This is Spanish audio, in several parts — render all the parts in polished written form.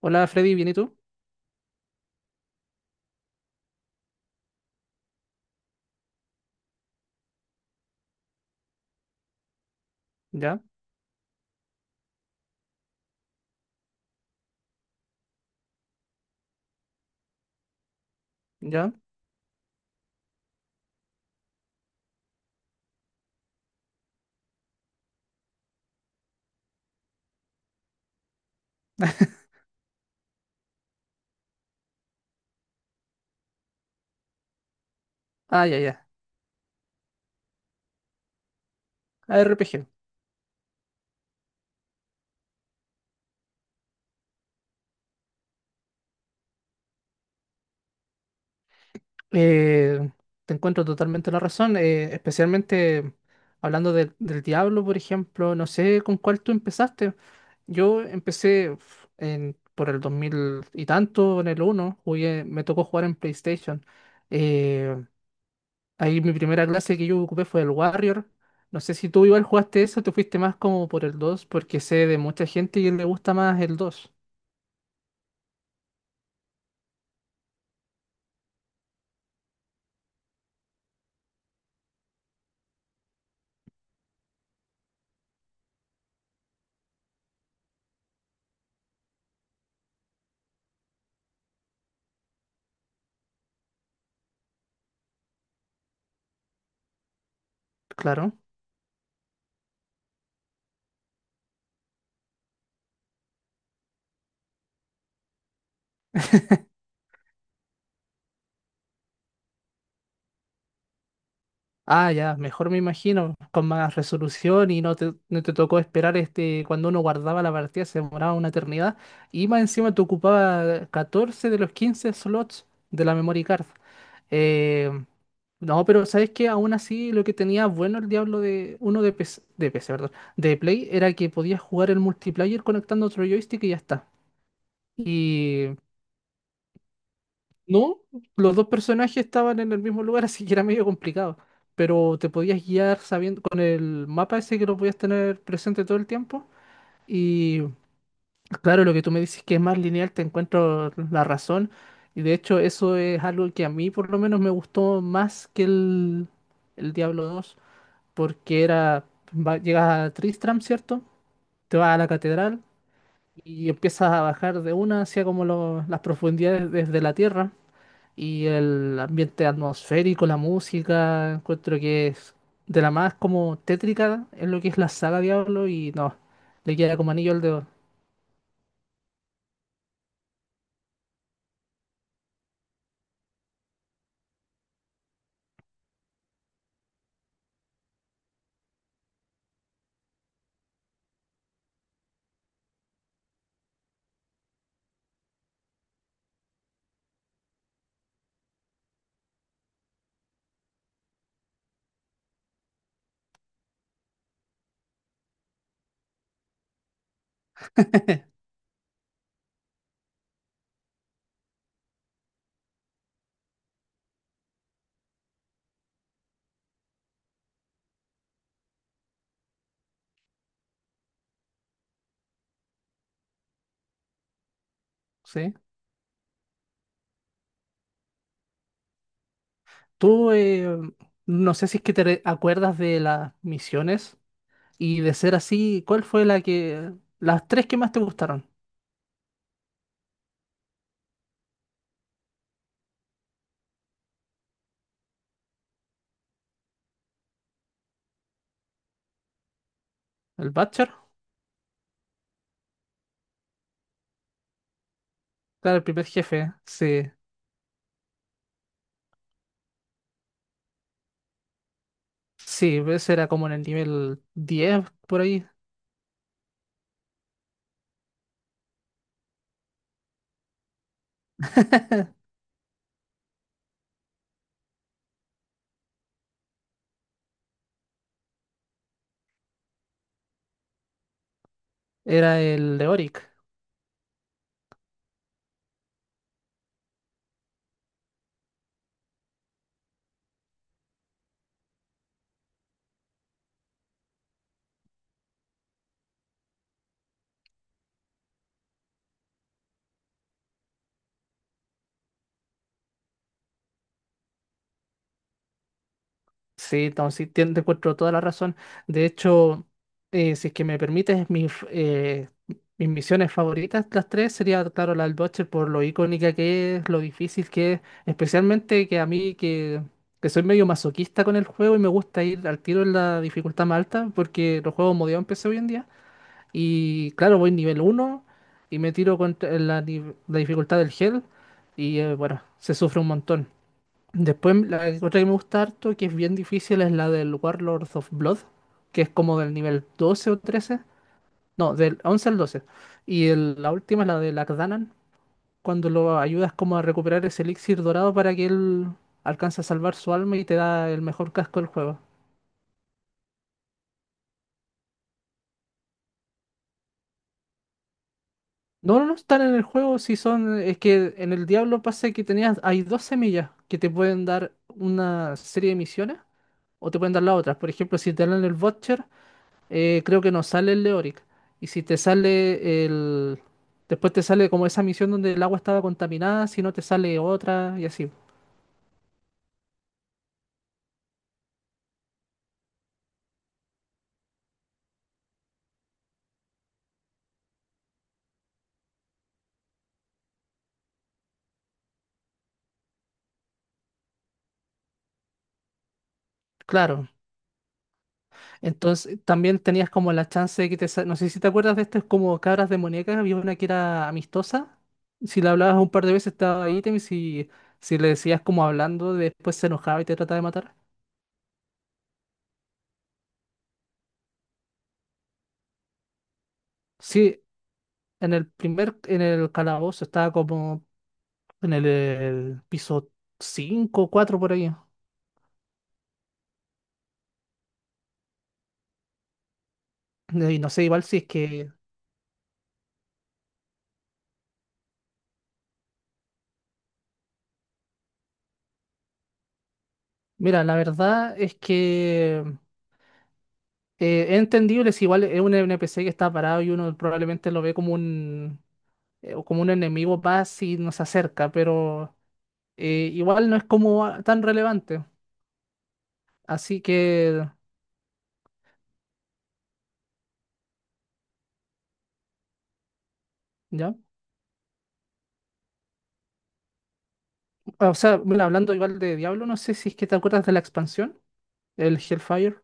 Hola Freddy, ¿bien y tú? ¿Ya? ¿Ya? Ah, ya, ya. ARPG. Eh, te encuentro totalmente la razón, especialmente hablando del Diablo, por ejemplo. No sé con cuál tú empezaste. Yo empecé uf, por el 2000 y tanto, en el uno. Me tocó jugar en PlayStation. Eh, ahí mi primera clase que yo ocupé fue el Warrior. No sé si tú igual jugaste eso, te fuiste más como por el 2, porque sé de mucha gente que le gusta más el 2. Claro. Ah, ya, mejor me imagino, con más resolución y no te tocó esperar este, cuando uno guardaba la partida se demoraba una eternidad y más encima te ocupaba 14 de los 15 slots de la memory card. Eh, no, pero sabes que aún así lo que tenía bueno el Diablo de uno de PC, de PC, perdón, de Play era que podías jugar el multiplayer conectando otro joystick y ya está. Y no, los dos personajes estaban en el mismo lugar, así que era medio complicado. Pero te podías guiar sabiendo con el mapa ese que lo podías tener presente todo el tiempo. Y claro, lo que tú me dices que es más lineal, te encuentro la razón. Y de hecho, eso es algo que a mí por lo menos me gustó más que el Diablo 2, porque era, llegas a Tristram, ¿cierto? Te vas a la catedral y empiezas a bajar de una hacia como las profundidades desde la tierra. Y el ambiente atmosférico, la música, encuentro que es de la más como tétrica en lo que es la saga Diablo y no, le queda como anillo al dedo. ¿Sí? Tú, no sé si es que acuerdas de las misiones y de ser así, ¿cuál fue la que, ¿las tres que más te gustaron? ¿El Butcher? Claro, el primer jefe, sí. Sí, ese era como en el nivel 10 por ahí. Era el de Oric. Sí, entonces sí, te encuentro toda la razón. De hecho, si es que me permites, mis misiones favoritas, las tres, sería, claro, la del Butcher por lo icónica que es, lo difícil que es, especialmente que a mí, que soy medio masoquista con el juego y me gusta ir al tiro en la dificultad más alta, porque los juegos modeados empecé hoy en día. Y claro, voy nivel uno y me tiro contra la, ni- la dificultad del Hell y bueno, se sufre un montón. Después, la otra que me gusta harto, que es bien difícil, es la del Warlords of Blood, que es como del nivel 12 o 13. No, del 11 al 12. Y la última es la de Lakdanan, cuando lo ayudas como a recuperar ese elixir dorado para que él alcance a salvar su alma y te da el mejor casco del juego. No, no, no están en el juego, si son... Es que en el Diablo pasa que tenías... Hay dos semillas que te pueden dar una serie de misiones o te pueden dar las otras. Por ejemplo, si te dan el Vulture creo que no sale el Leoric. Y si te sale el... Después te sale como esa misión donde el agua estaba contaminada, si no te sale otra y así. Claro. Entonces también tenías como la chance de que no sé si te acuerdas de estas como cabras demoníacas, había una que era amistosa. Si la hablabas un par de veces estaba ahí, y si le decías como hablando, después se enojaba y te trataba de matar. Sí, en el calabozo estaba como en el piso 5 4 por ahí. No, y no sé, igual si es que, mira, la verdad es que es entendible si igual es un NPC que está parado y uno probablemente lo ve como como un enemigo más y nos acerca, pero igual no es como tan relevante. Así que, ya. O sea, mira, hablando igual de Diablo, no sé si es que te acuerdas de la expansión, el Hellfire.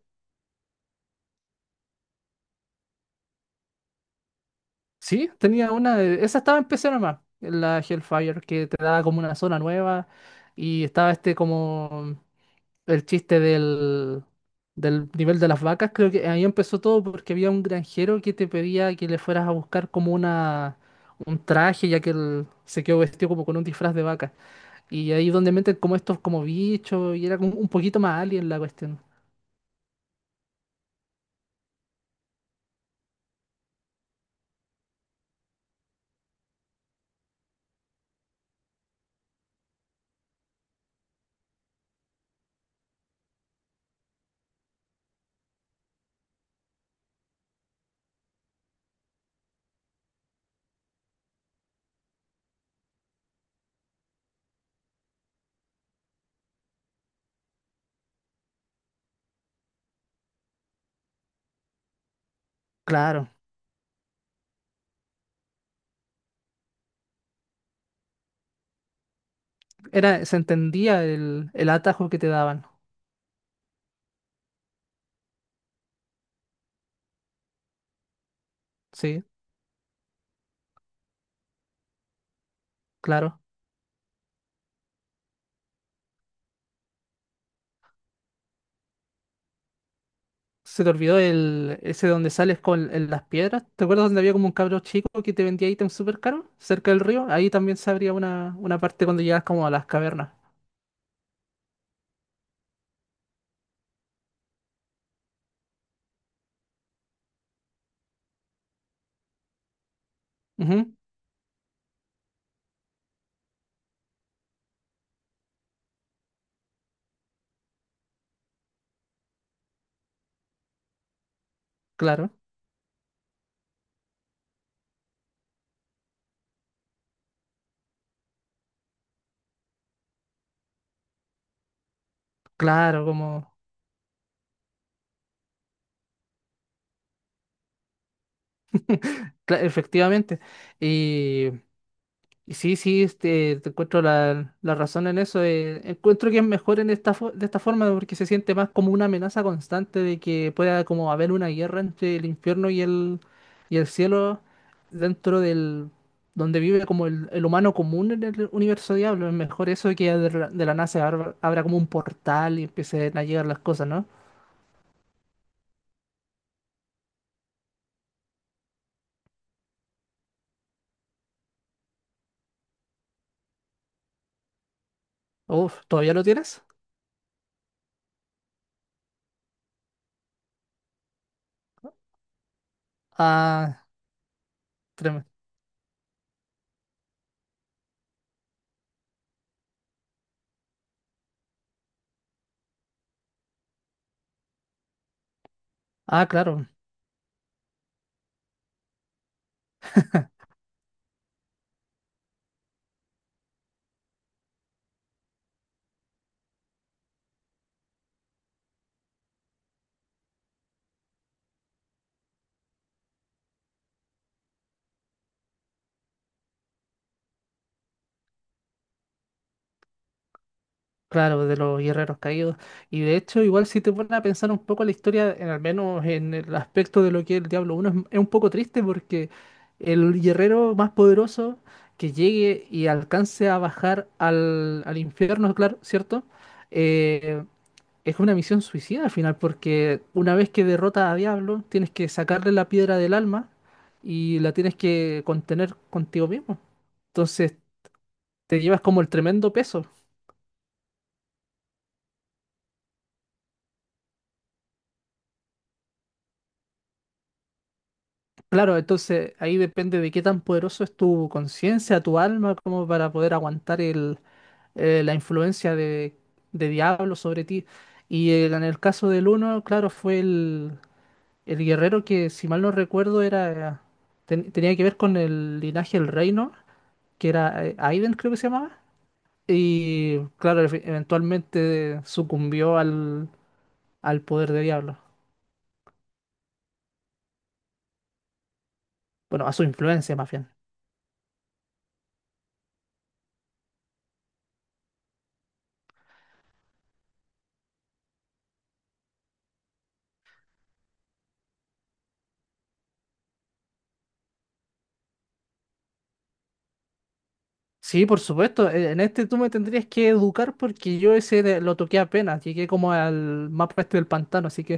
Sí, tenía una, esa estaba en PC nomás, la Hellfire, que te daba como una zona nueva y estaba este como... el chiste del nivel de las vacas, creo que ahí empezó todo porque había un granjero que te pedía que le fueras a buscar como una, un traje, ya que él se quedó vestido como con un disfraz de vaca. Y ahí donde meten como estos como bichos y era como un poquito más alien la cuestión. Claro, era, se entendía el atajo que te daban, sí, claro. Se te olvidó el, ese donde sales con las piedras. ¿Te acuerdas donde había como un cabro chico que te vendía ítems súper caros cerca del río? Ahí también se abría una parte cuando llegas como a las cavernas. Ujú, claro, claro, como... efectivamente. Y Y sí, sí, te encuentro la razón en eso. Encuentro que es mejor en esta de esta forma porque se siente más como una amenaza constante de que pueda como haber una guerra entre el infierno y el cielo dentro del donde vive como el humano común en el universo diablo. Es mejor eso que de la nada se abra, abra como un portal y empiecen a llegar las cosas, ¿no? Uf, ¿todavía lo tienes? Ah, tremendo. Ah, claro. Claro, de los guerreros caídos. Y de hecho, igual si te pones a pensar un poco la historia, al menos en el aspecto de lo que es el Diablo uno es un poco triste porque el guerrero más poderoso que llegue y alcance a bajar al infierno, claro, ¿cierto? Eh, es una misión suicida al final, porque una vez que derrotas a Diablo, tienes que sacarle la piedra del alma y la tienes que contener contigo mismo. Entonces, te llevas como el tremendo peso. Claro, entonces ahí depende de qué tan poderoso es tu conciencia, tu alma, como para poder aguantar la influencia de diablo sobre ti. Y en el caso del uno, claro, fue el guerrero que, si mal no recuerdo, era tenía que ver con el linaje del reino, que era Aiden, creo que se llamaba. Y claro, eventualmente sucumbió al poder de diablo. Bueno, a su influencia más bien. Sí, por supuesto. En este tú me tendrías que educar porque yo ese lo toqué apenas. Llegué como al mapa este del pantano. Así que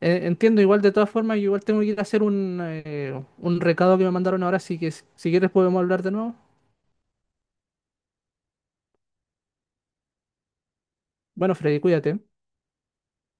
entiendo igual de todas formas. Yo igual tengo que ir a hacer un recado que me mandaron ahora. Así que si quieres podemos hablar de nuevo. Bueno, Freddy, cuídate.